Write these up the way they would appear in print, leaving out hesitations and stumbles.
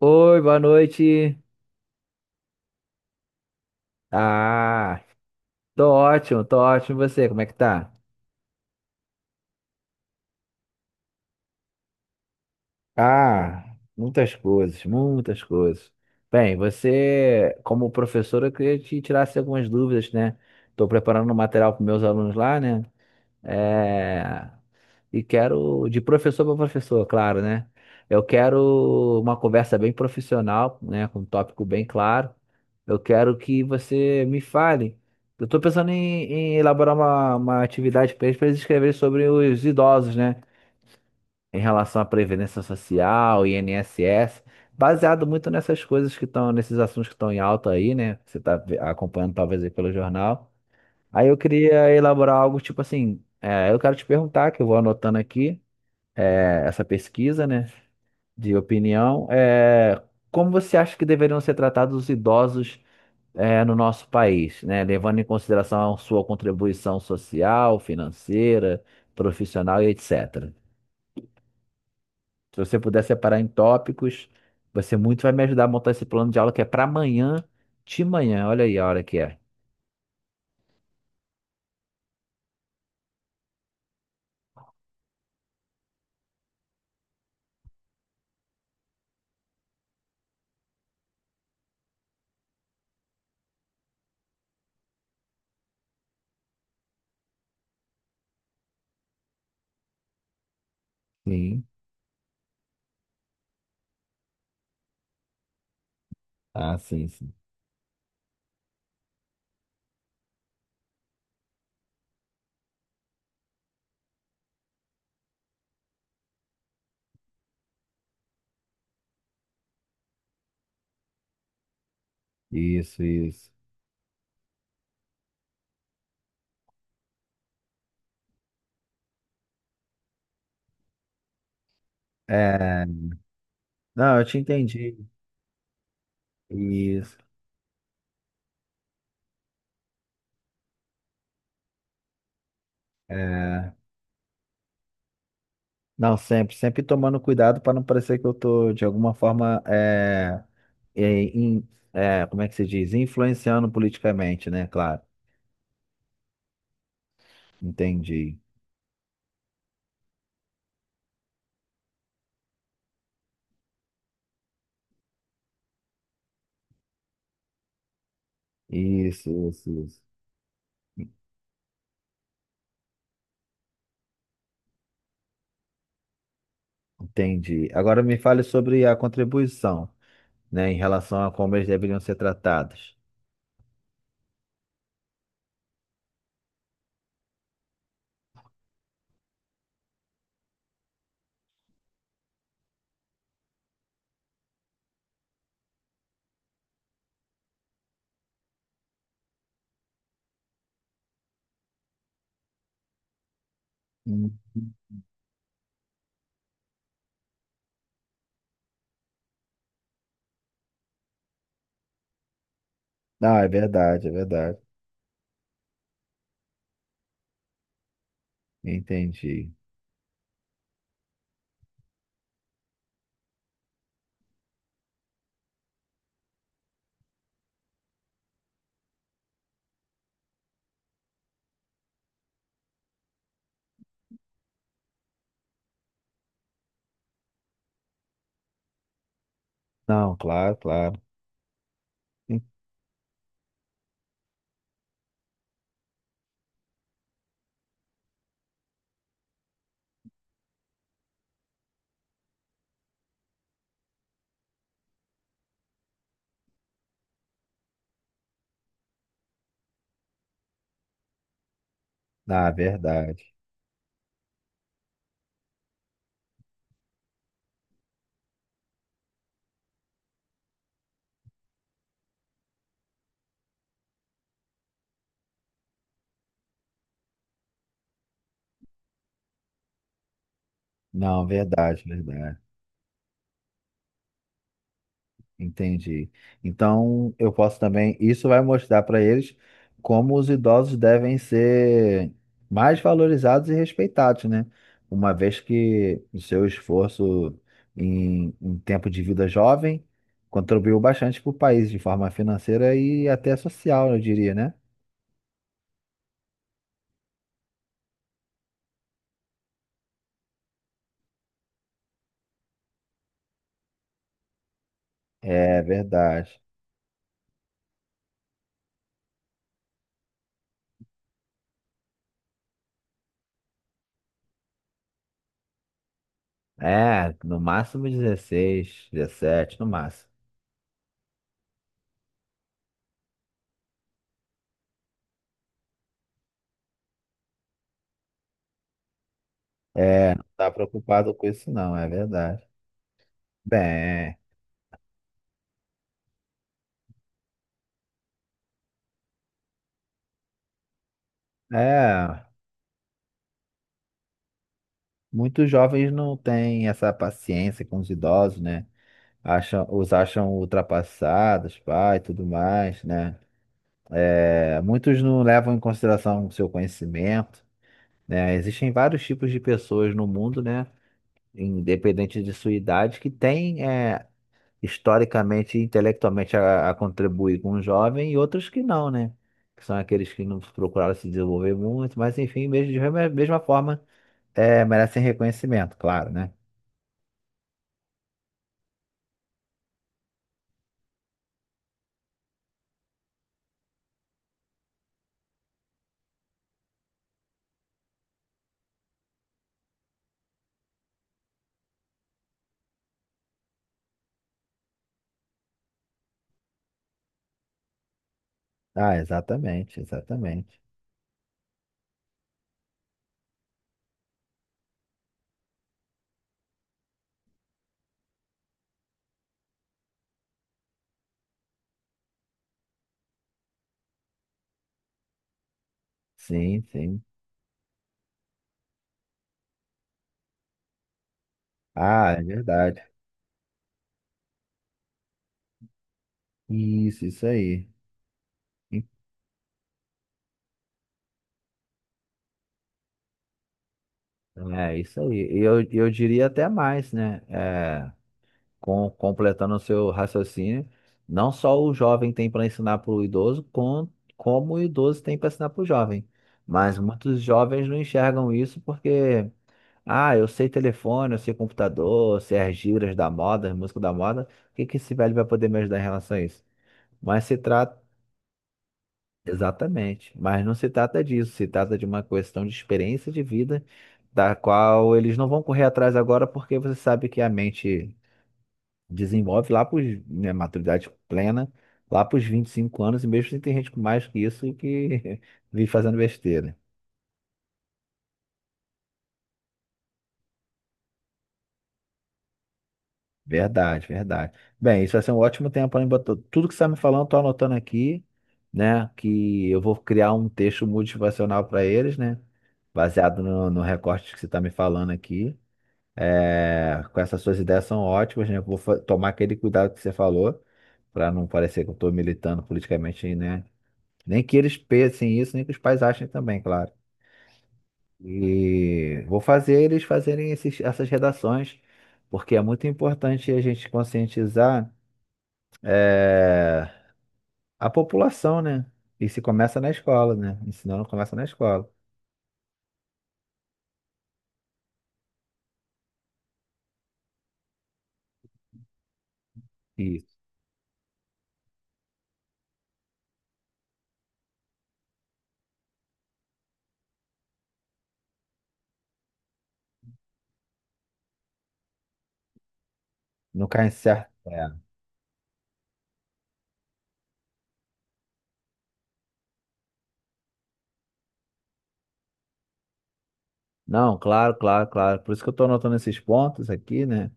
Oi, boa noite. Ah, tô ótimo, tô ótimo. E você, como é que tá? Ah, muitas coisas, muitas coisas. Bem, você, como professor, eu queria te tirar assim, algumas dúvidas, né? Tô preparando um material para meus alunos lá, né? É... e quero, de professor para professor, claro, né? Eu quero uma conversa bem profissional, né? Com um tópico bem claro. Eu quero que você me fale. Eu estou pensando em elaborar uma atividade para eles escreverem sobre os idosos, né? Em relação à Previdência Social, INSS, baseado muito nessas coisas que estão, nesses assuntos que estão em alta aí, né? Você está acompanhando talvez aí pelo jornal. Aí eu queria elaborar algo tipo assim, é, eu quero te perguntar, que eu vou anotando aqui, é, essa pesquisa, né, de opinião, é, como você acha que deveriam ser tratados os idosos, é, no nosso país, né, levando em consideração a sua contribuição social, financeira, profissional e etc. Se você puder separar em tópicos, você muito vai me ajudar a montar esse plano de aula que é para amanhã, de manhã. Olha aí a hora que é. Sim. Ah, sim, sim. Isso, isso. É, não, eu te entendi. Isso. Não, sempre, sempre tomando cuidado para não parecer que eu tô de alguma forma é, in- como é que se diz? Influenciando politicamente, né? Claro. Entendi. Isso, isso, isso. Entendi. Agora me fale sobre a contribuição, né? Em relação a como eles deveriam ser tratados. Hum. Hum. Ah, é verdade, é verdade. Entendi. Não, claro, claro. Hum. Ah, verdade. Não, verdade, verdade. Entendi. Então, eu posso também. Isso vai mostrar para eles como os idosos devem ser mais valorizados e respeitados, né? Uma vez que o seu esforço em tempo de vida jovem contribuiu bastante para o país de forma financeira e até social, eu diria, né? É verdade. É, no máximo 16 17, no máximo. É, não tá preocupado com isso, não, é verdade. Bem, é. Muitos jovens não têm essa paciência com os idosos, né? Acham, os acham ultrapassados, pai, tudo mais, né? É, muitos não levam em consideração o seu conhecimento, né? Existem vários tipos de pessoas no mundo, né? Independente de sua idade, que têm, é, historicamente e intelectualmente a contribuir com o jovem e outros que não, né? Que são aqueles que não procuraram se desenvolver muito, mas enfim, mesmo, de mesma forma, é, merecem reconhecimento, claro, né? Ah, exatamente, exatamente. Sim, sim. Ah, é verdade. Isso aí. É, isso aí. E eu diria até mais, né? É, completando o seu raciocínio, não só o jovem tem para ensinar para o idoso, como o idoso tem para ensinar para o jovem. Mas muitos jovens não enxergam isso porque, ah, eu sei telefone, eu sei computador, eu sei as gírias da moda, as músicas da moda, o que que esse velho vai poder me ajudar em relação a isso? Mas se trata. Exatamente, mas não se trata disso, se trata de uma questão de experiência de vida, da qual eles não vão correr atrás agora, porque você sabe que a mente desenvolve lá para, né, maturidade plena, lá para os 25 anos, e mesmo assim tem gente com mais que isso que vive fazendo besteira. Verdade, verdade. Bem, isso vai ser um ótimo tempo para mim botar tudo que você está me falando, estou anotando aqui, né? Que eu vou criar um texto motivacional para eles, né? Baseado no recorte que você está me falando aqui. É, com essas suas ideias são ótimas, né? Vou tomar aquele cuidado que você falou, para não parecer que eu estou militando politicamente, né? Nem que eles pensem isso, nem que os pais achem também, claro. E vou fazer eles fazerem essas redações, porque é muito importante a gente conscientizar, é, a população, né? E se começa na escola, né? Ensinando começa na escola. Isso. Não cai em certo. É. Não, claro, claro, claro. Por isso que eu estou anotando esses pontos aqui, né?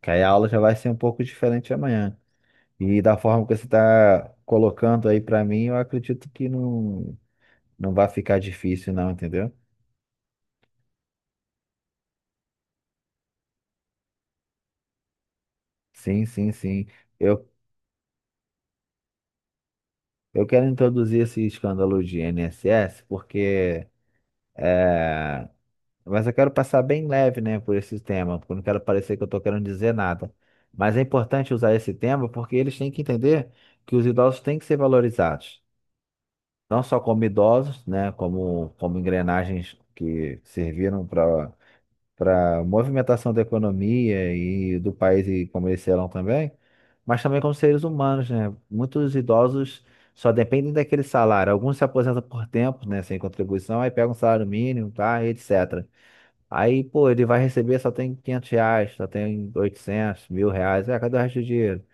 Que aí a aula já vai ser um pouco diferente amanhã. E da forma que você está colocando aí para mim, eu acredito que não, não vai ficar difícil, não, entendeu? Sim, sim, sim. Eu, eu quero introduzir esse escândalo de INSS porque é, mas eu quero passar bem leve, né, por esse tema, porque eu não quero parecer que eu estou querendo dizer nada. Mas é importante usar esse tema porque eles têm que entender que os idosos têm que ser valorizados. Não só como idosos, né, como engrenagens que serviram para movimentação da economia e do país e como eles serão também, mas também como seres humanos, né? Muitos idosos só dependem daquele salário. Alguns se aposentam por tempo, né, sem contribuição, aí pegam um salário mínimo, tá, e etc. Aí, pô, ele vai receber, só tem 500 reais, só tem 800, 1.000 reais. É, cadê o resto do dinheiro?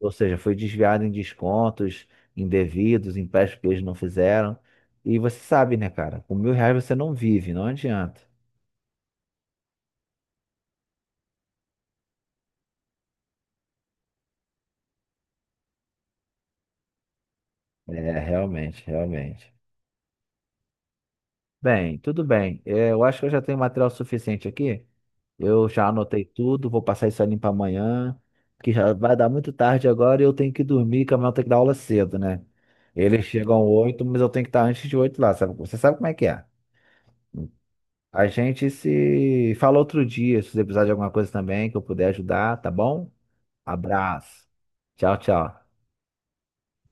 Ou seja, foi desviado em descontos indevidos, empréstimos que eles não fizeram. E você sabe, né, cara? Com mil reais você não vive, não adianta. É, realmente, realmente. Bem, tudo bem. É, eu acho que eu já tenho material suficiente aqui. Eu já anotei tudo, vou passar isso ali para amanhã, que já vai dar muito tarde agora e eu tenho que dormir, que amanhã eu tenho que dar aula cedo, né? Eles chegam oito, mas eu tenho que estar antes de oito lá, sabe? Você sabe como é que é. A gente se fala outro dia, se você precisar de alguma coisa também que eu puder ajudar, tá bom? Abraço. Tchau, tchau.